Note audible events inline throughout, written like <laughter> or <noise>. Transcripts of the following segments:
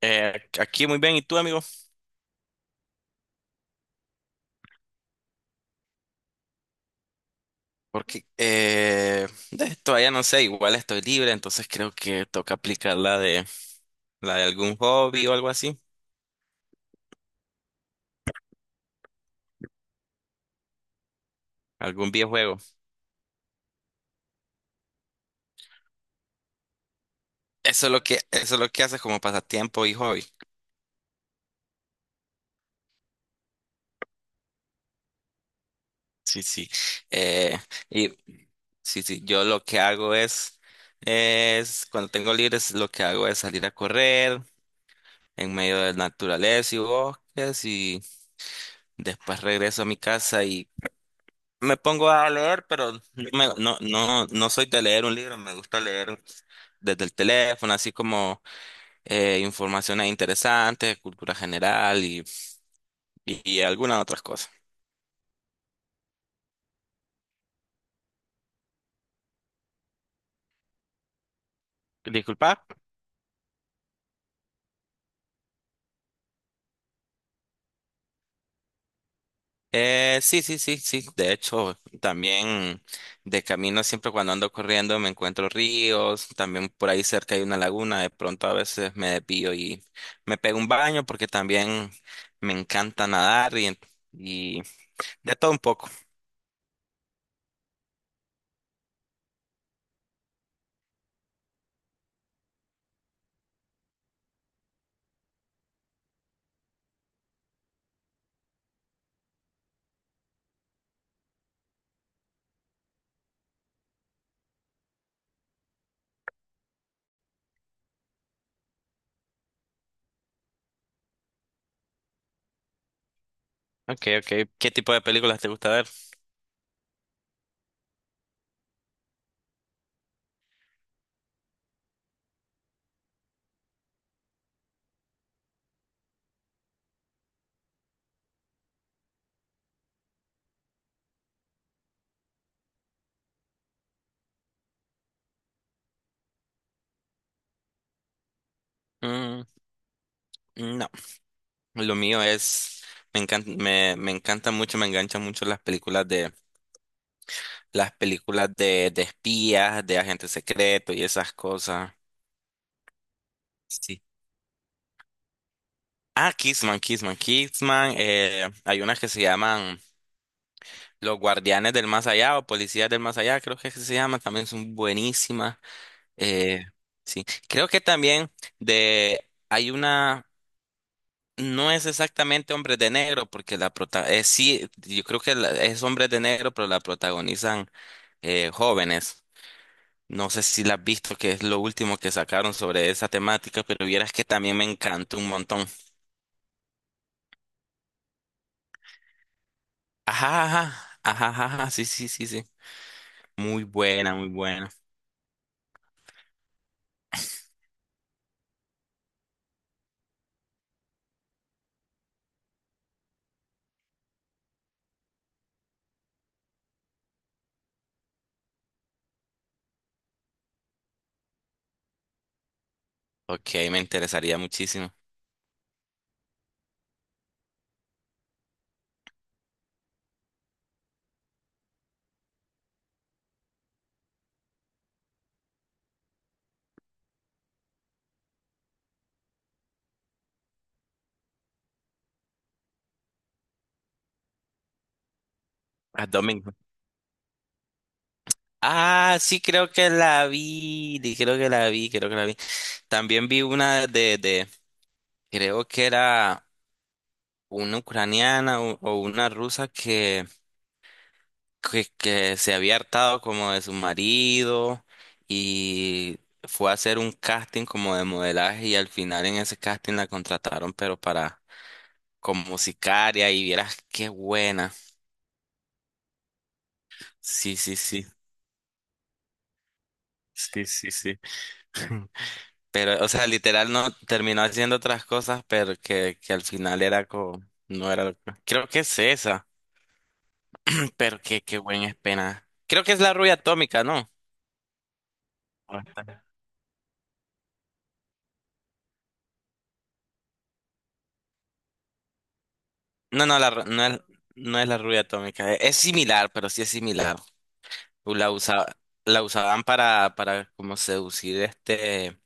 Aquí muy bien, ¿y tú, amigo? Porque todavía no sé, igual estoy libre, entonces creo que toca aplicar la de algún hobby o algo así, algún videojuego. Eso es lo que haces como pasatiempo y hobby. Sí, sí. Eh, y sí, sí, yo lo que hago es, cuando tengo libres lo que hago es salir a correr en medio de la naturaleza y bosques, y después regreso a mi casa. Me pongo a leer, pero no, no, no soy de leer un libro, me gusta leer desde el teléfono, así como informaciones interesantes, cultura general y algunas otras cosas. Disculpa. Sí, sí, sí, sí. De hecho, también de camino, siempre cuando ando corriendo, me encuentro ríos, también por ahí cerca hay una laguna, de pronto a veces me desvío y me pego un baño, porque también me encanta nadar y de todo un poco. Okay, okay. ¿Qué tipo de películas te gusta ver? Mm, no, lo mío es, me encanta mucho, me enganchan mucho las películas de de espías, de agentes secretos y esas cosas. Sí. Ah, Kissman, Kissman. Hay unas que se llaman Los Guardianes del Más Allá o Policías del Más Allá, creo que es que se llaman, también son buenísimas. Eh, sí. Creo que también de hay una No es exactamente Hombres de Negro, porque la prota, sí, yo creo que es Hombres de Negro, pero la protagonizan jóvenes. No sé si la has visto, que es lo último que sacaron sobre esa temática, pero vieras que también me encantó un montón. Ajá, sí, sí, sí, sí. Muy buena, muy buena. Ok, me interesaría muchísimo. A Domingo. Ah, sí, creo que la vi, creo que la vi, creo que la vi. También vi una de, creo que era una ucraniana o una rusa que se había hartado como de su marido, y fue a hacer un casting como de modelaje, y al final en ese casting la contrataron, pero para como sicaria, y vieras qué buena. Sí, sí, sí. Sí, sí, sí. <laughs> Pero, o sea, literal no terminó haciendo otras cosas, pero que al final era como, no era lo Creo que es esa, pero qué, qué buen es pena. Creo que es la rubia atómica, ¿no? No, no, la, ru- no es, no es la rubia atómica. Es similar, pero sí es similar. U- La usa- la usaban para como seducir, este,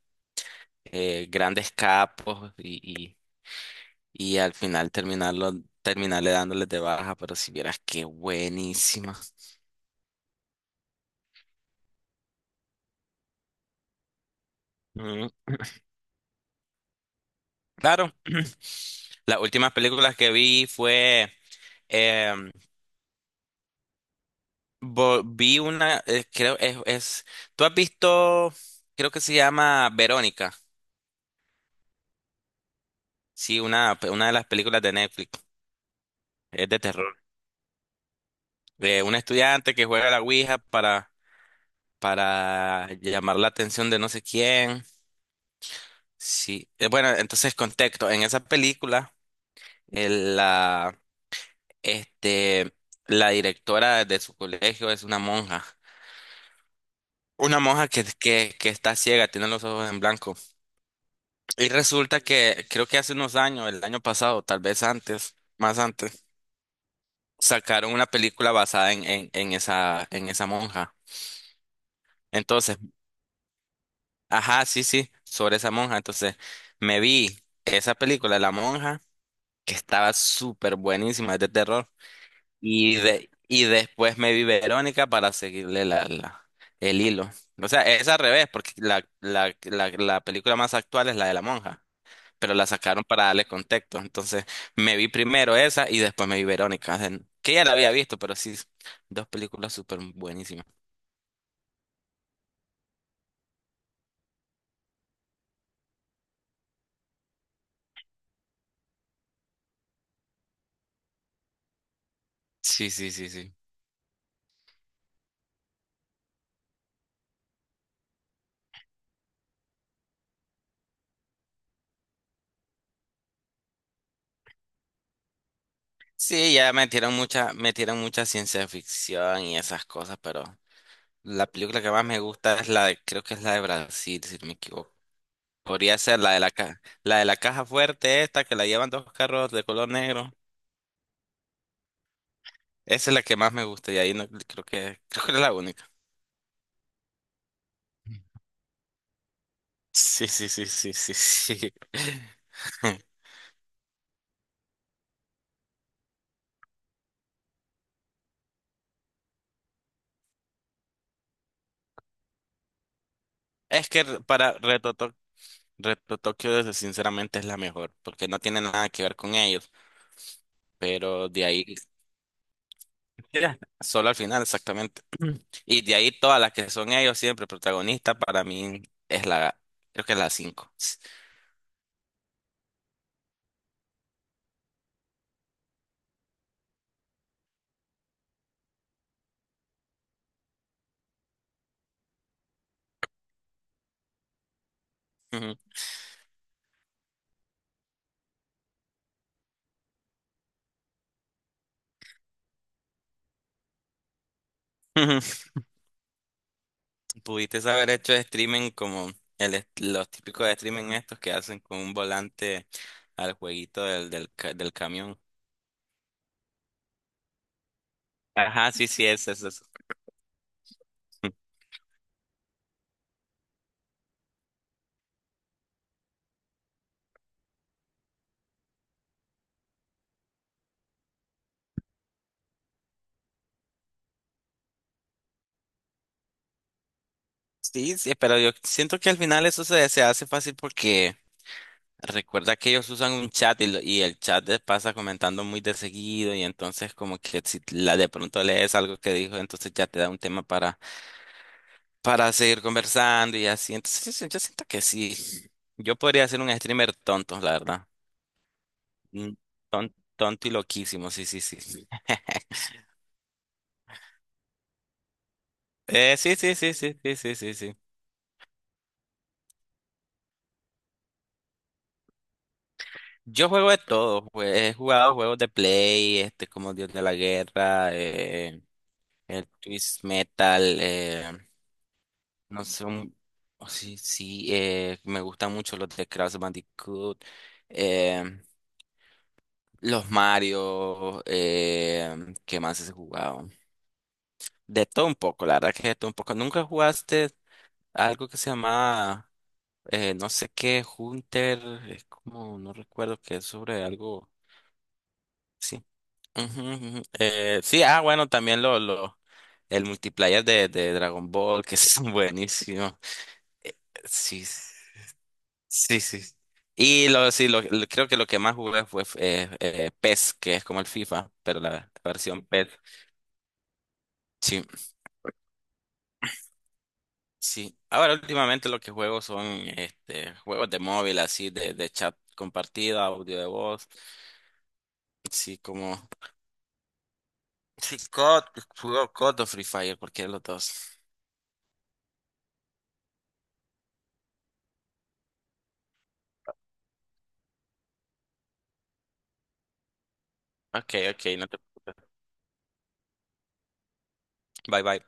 grandes capos y, y al final terminarle dándoles de baja, pero si vieras qué buenísima. Mm, claro. <clears throat> Las últimas películas que vi fue, em, vi una, creo ¿tú has visto? Creo que se llama Verónica. Sí, una de las películas de Netflix. Es de terror. De un estudiante que juega a la Ouija para llamar la atención de no sé quién. Sí. Bueno, entonces contexto. En esa película, el- la, este, la directora de su colegio es una monja. Una monja que está ciega, tiene los ojos en blanco. Y resulta que creo que hace unos años, el año pasado, tal vez antes, más antes, sacaron una película basada en en esa monja. Entonces, ajá, sí, sí, sobre esa monja. Entonces, me vi esa película, La Monja, que estaba súper buenísima, es de terror. Y después me vi Verónica para seguirle el hilo. O sea, es al revés, porque la película más actual es la de La Monja, pero la sacaron para darle contexto. Entonces, me vi primero esa y después me vi Verónica, que ya la había visto, pero sí, dos películas súper buenísimas. Sí, sí, sí, sí. Sí, metieron mucha ciencia ficción y esas cosas, pero la película que más me gusta es la de, creo que es la de Brasil, si no me equivoco. Podría ser la de la de la caja fuerte esta que la llevan dos carros de color negro. Esa es la que más me gusta, y ahí no, creo que <laughs> creo que es la única. Sí, sí, sí, sí, sí, sí. <laughs> Es que Reto Tokio, sinceramente, es la mejor, porque no tiene nada que ver con ellos. Pero de ahí. Ya. Solo al final, exactamente. <clears throat> Y de ahí todas las que son ellos siempre protagonistas, para mí es la, creo que es la cinco. Ujú. <laughs> Ujú. Pudiste haber hecho streaming como los típicos de streaming estos que hacen con un volante al jueguito del camión. Ajá, sí, sí, es eso. Sí, sí, pero yo siento que al final eso se hace fácil, porque recuerda que ellos usan un chat, y el chat les pasa comentando muy de seguido, y entonces como que si la de pronto lees algo que dijo, entonces ya te da un tema para seguir conversando y así. Entonces yo siento que sí, yo podría ser un streamer tonto, la verdad. Mm, tonto y loquísimo, sí, sí, sí, sí. Sí, sí, sí, sí, sí, sí, sí, sí. Yo juego de todo, pues, he jugado juegos de Play, este como Dios de la Guerra, el Twist Metal, No son, oh, sí, sí, me gustan mucho los de Crash Bandicoot, em, los Mario. ¿Qué más has jugado? De todo un poco, la verdad, que de todo un poco. ¿Nunca jugaste algo que se llama, no sé qué, Hunter? Es como, no recuerdo, que es sobre algo, sí. Ujú, ujú. Sí, ah, bueno, también el multiplayer de Dragon Ball, que es <laughs> buenísimo. Eh, Sí. Sí, sí. Creo que lo que más jugué fue, PES, que es como el FIFA, pero la versión PES. Sí, sí. Ahora últimamente lo que juego son, este, juegos de móvil, así, de chat compartida, audio de voz. Sí, como... Sí, COD, juego COD o D o Free Fire, cualquiera de los dos. Ok, ok, no te preocupes. Bye, bye.